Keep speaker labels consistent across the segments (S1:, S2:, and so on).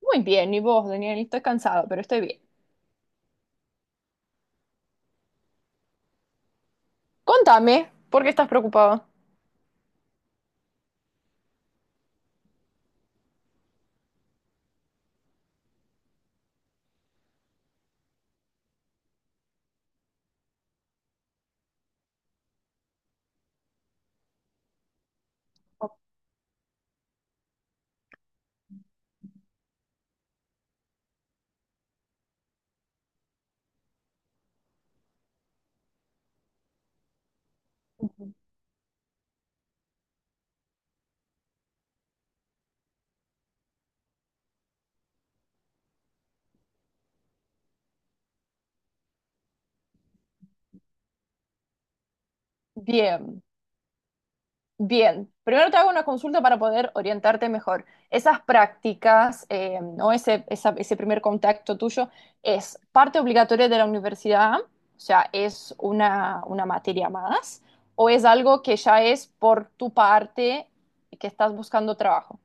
S1: Muy bien, y vos, Daniel, estoy cansado, pero estoy bien. Contame, ¿por qué estás preocupado? Bien, bien. Primero te hago una consulta para poder orientarte mejor. Esas prácticas, o ese, ese primer contacto tuyo, ¿es parte obligatoria de la universidad? O sea, ¿es una materia más? ¿O es algo que ya es por tu parte y que estás buscando trabajo?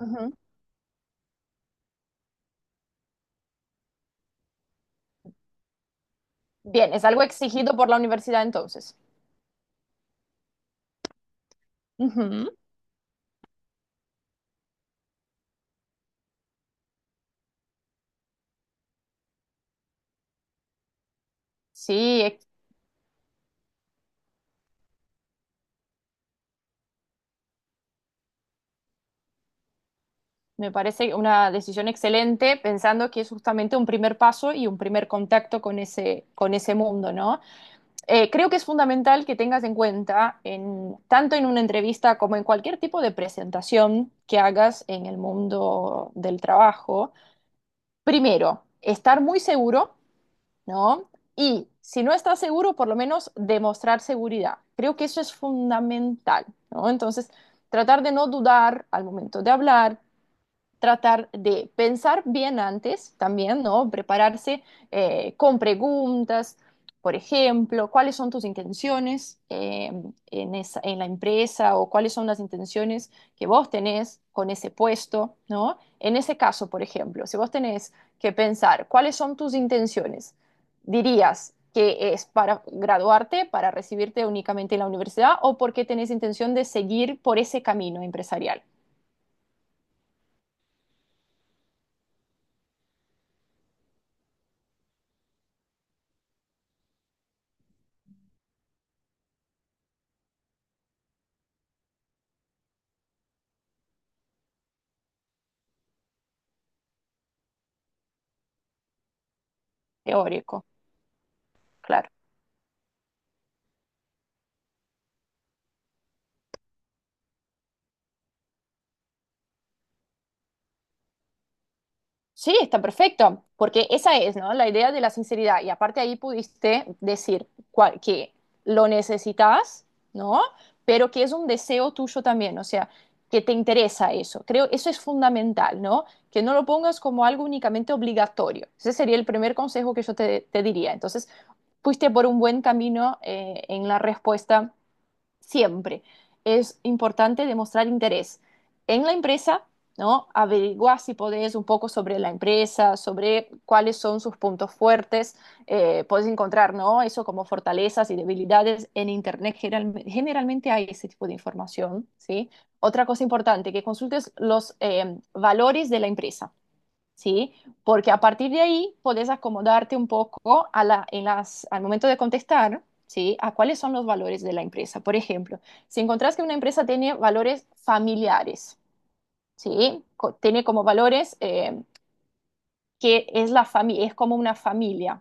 S1: Ujú. Bien, es algo exigido por la universidad entonces. Ujú. Sí, me parece una decisión excelente, pensando que es justamente un primer paso y un primer contacto con ese mundo, ¿no? Creo que es fundamental que tengas en cuenta, tanto en una entrevista como en cualquier tipo de presentación que hagas en el mundo del trabajo, primero, estar muy seguro, ¿no? Y si no estás seguro, por lo menos demostrar seguridad. Creo que eso es fundamental, ¿no? Entonces, tratar de no dudar al momento de hablar. Tratar de pensar bien antes también, ¿no? Prepararse con preguntas, por ejemplo, cuáles son tus intenciones en en la empresa, o cuáles son las intenciones que vos tenés con ese puesto, ¿no? En ese caso, por ejemplo, si vos tenés que pensar cuáles son tus intenciones, dirías que es para graduarte, para recibirte únicamente en la universidad, o porque tenés intención de seguir por ese camino empresarial, teórico, claro. Sí, está perfecto, porque esa es, ¿no?, la idea de la sinceridad. Y aparte, ahí pudiste decir que lo necesitas, ¿no? Pero que es un deseo tuyo también, o sea, que te interesa eso. Creo eso es fundamental, ¿no? Que no lo pongas como algo únicamente obligatorio. Ese sería el primer consejo que yo te diría. Entonces, fuiste por un buen camino en la respuesta. Siempre es importante demostrar interés en la empresa, ¿no? Averiguar si podés un poco sobre la empresa, sobre cuáles son sus puntos fuertes. Podés encontrar, ¿no?, eso como fortalezas y debilidades en Internet. Generalmente hay ese tipo de información, ¿sí? Otra cosa importante, que consultes los valores de la empresa. ¿Sí? Porque a partir de ahí podés acomodarte un poco a al momento de contestar, ¿sí? A cuáles son los valores de la empresa. Por ejemplo, si encontrás que una empresa tiene valores familiares, ¿sí? Tiene como valores que es, es como una familia.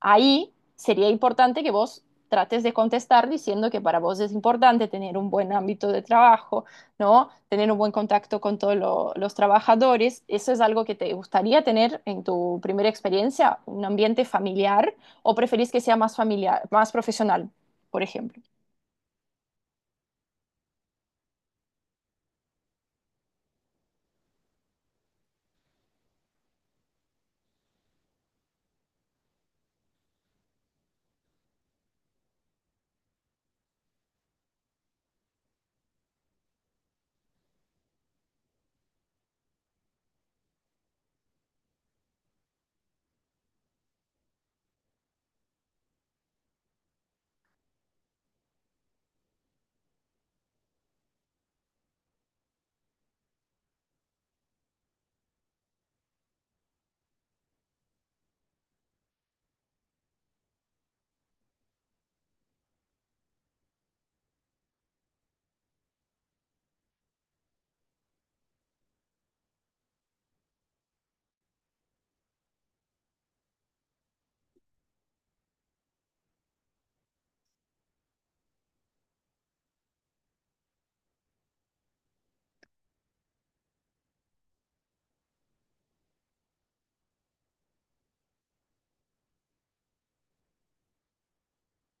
S1: Ahí sería importante que vos trates de contestar diciendo que para vos es importante tener un buen ámbito de trabajo, ¿no? Tener un buen contacto con todos los trabajadores. Eso es algo que te gustaría tener en tu primera experiencia: un ambiente familiar, o preferís que sea más familiar, más profesional, por ejemplo.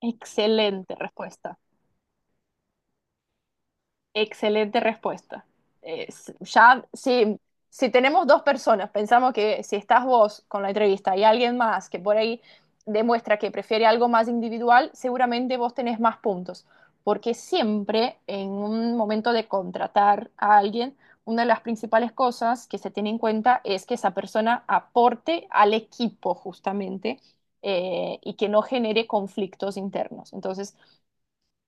S1: Excelente respuesta. Excelente respuesta. Ya, si tenemos dos personas, pensamos que si estás vos con la entrevista y alguien más que por ahí demuestra que prefiere algo más individual, seguramente vos tenés más puntos, porque siempre en un momento de contratar a alguien, una de las principales cosas que se tiene en cuenta es que esa persona aporte al equipo, justamente, y que no genere conflictos internos. Entonces,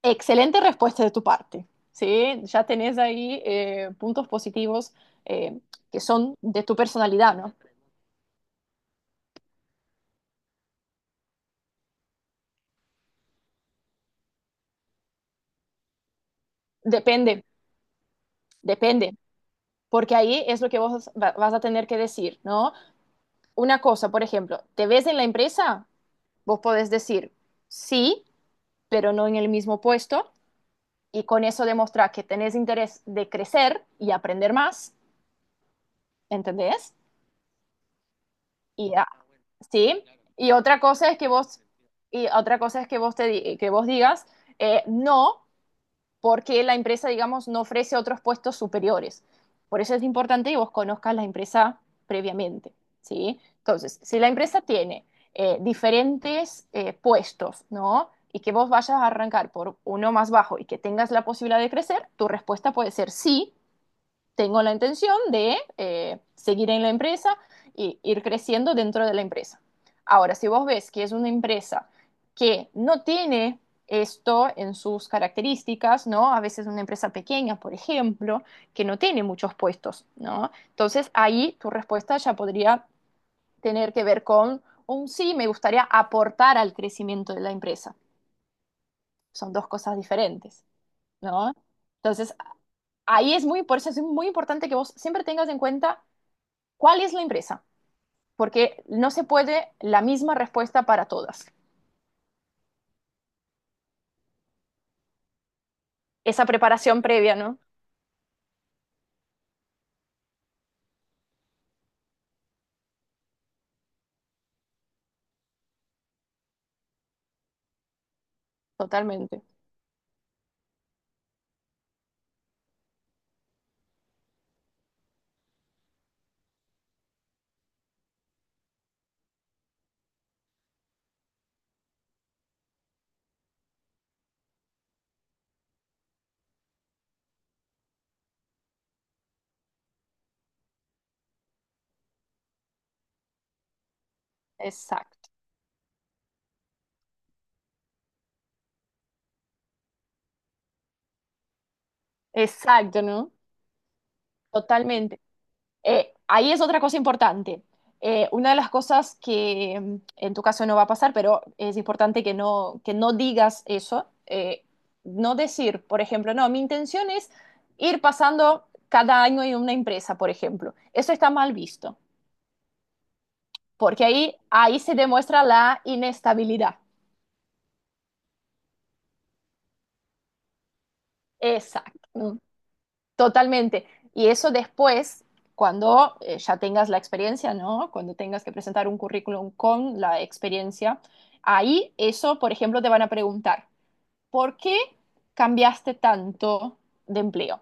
S1: excelente respuesta de tu parte, ¿sí? Ya tenés ahí puntos positivos, eh, que son de tu personalidad, ¿no? Depende, depende, porque ahí es lo que vos vas a tener que decir, ¿no? Una cosa, por ejemplo, ¿te ves en la empresa? Vos podés decir sí, pero no en el mismo puesto, y con eso demostrar que tenés interés de crecer y aprender más, ¿entendés? Y a- ¿Sí? Y otra cosa es que vos, que vos digas, no, porque la empresa, digamos, no ofrece otros puestos superiores. Por eso es importante que vos conozcas la empresa previamente, ¿sí? Entonces, si la empresa tiene diferentes puestos, ¿no?, y que vos vayas a arrancar por uno más bajo y que tengas la posibilidad de crecer, tu respuesta puede ser sí, tengo la intención de seguir en la empresa y ir creciendo dentro de la empresa. Ahora, si vos ves que es una empresa que no tiene esto en sus características, ¿no?, a veces una empresa pequeña, por ejemplo, que no tiene muchos puestos, ¿no?, entonces ahí tu respuesta ya podría tener que ver con un sí, me gustaría aportar al crecimiento de la empresa. Son dos cosas diferentes, ¿no? Entonces ahí por eso es muy importante que vos siempre tengas en cuenta ¿cuál es la empresa? Porque no se puede la misma respuesta para todas. Esa preparación previa, ¿no? Totalmente. Exacto. Exacto, ¿no? Totalmente. Ahí es otra cosa importante. Una de las cosas que, en tu caso no va a pasar, pero es importante que no, digas eso. No decir, por ejemplo, no, mi intención es ir pasando cada año en una empresa, por ejemplo. Eso está mal visto, porque ahí se demuestra la inestabilidad. Exacto, totalmente. Y eso después, cuando ya tengas la experiencia, ¿no?, cuando tengas que presentar un currículum con la experiencia, ahí eso, por ejemplo, te van a preguntar, ¿por qué cambiaste tanto de empleo?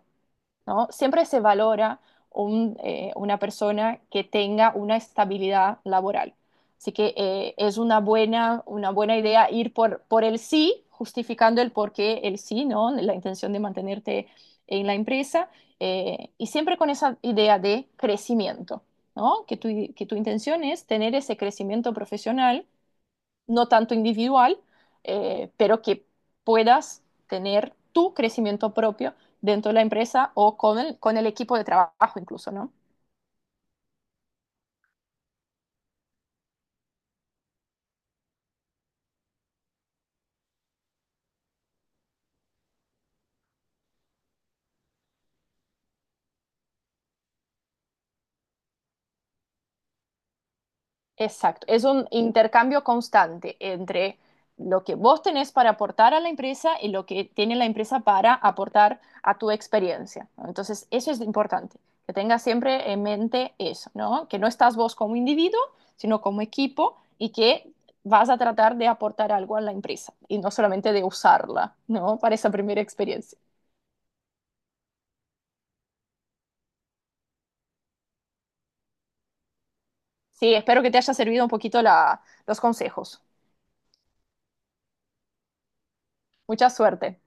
S1: ¿No? Siempre se valora una persona que tenga una estabilidad laboral. Así que, es una buena, idea ir por el sí, justificando el por qué el sí, ¿no? La intención de mantenerte en la empresa, y siempre con esa idea de crecimiento, ¿no? Que tu intención es tener ese crecimiento profesional, no tanto individual, pero que puedas tener tu crecimiento propio dentro de la empresa, o con el equipo de trabajo incluso, ¿no? Exacto, es un intercambio constante entre lo que vos tenés para aportar a la empresa y lo que tiene la empresa para aportar a tu experiencia, ¿no? Entonces, eso es importante, que tengas siempre en mente eso, ¿no? Que no estás vos como individuo, sino como equipo, y que vas a tratar de aportar algo a la empresa y no solamente de usarla, ¿no?, para esa primera experiencia. Sí, espero que te haya servido un poquito los consejos. Mucha suerte.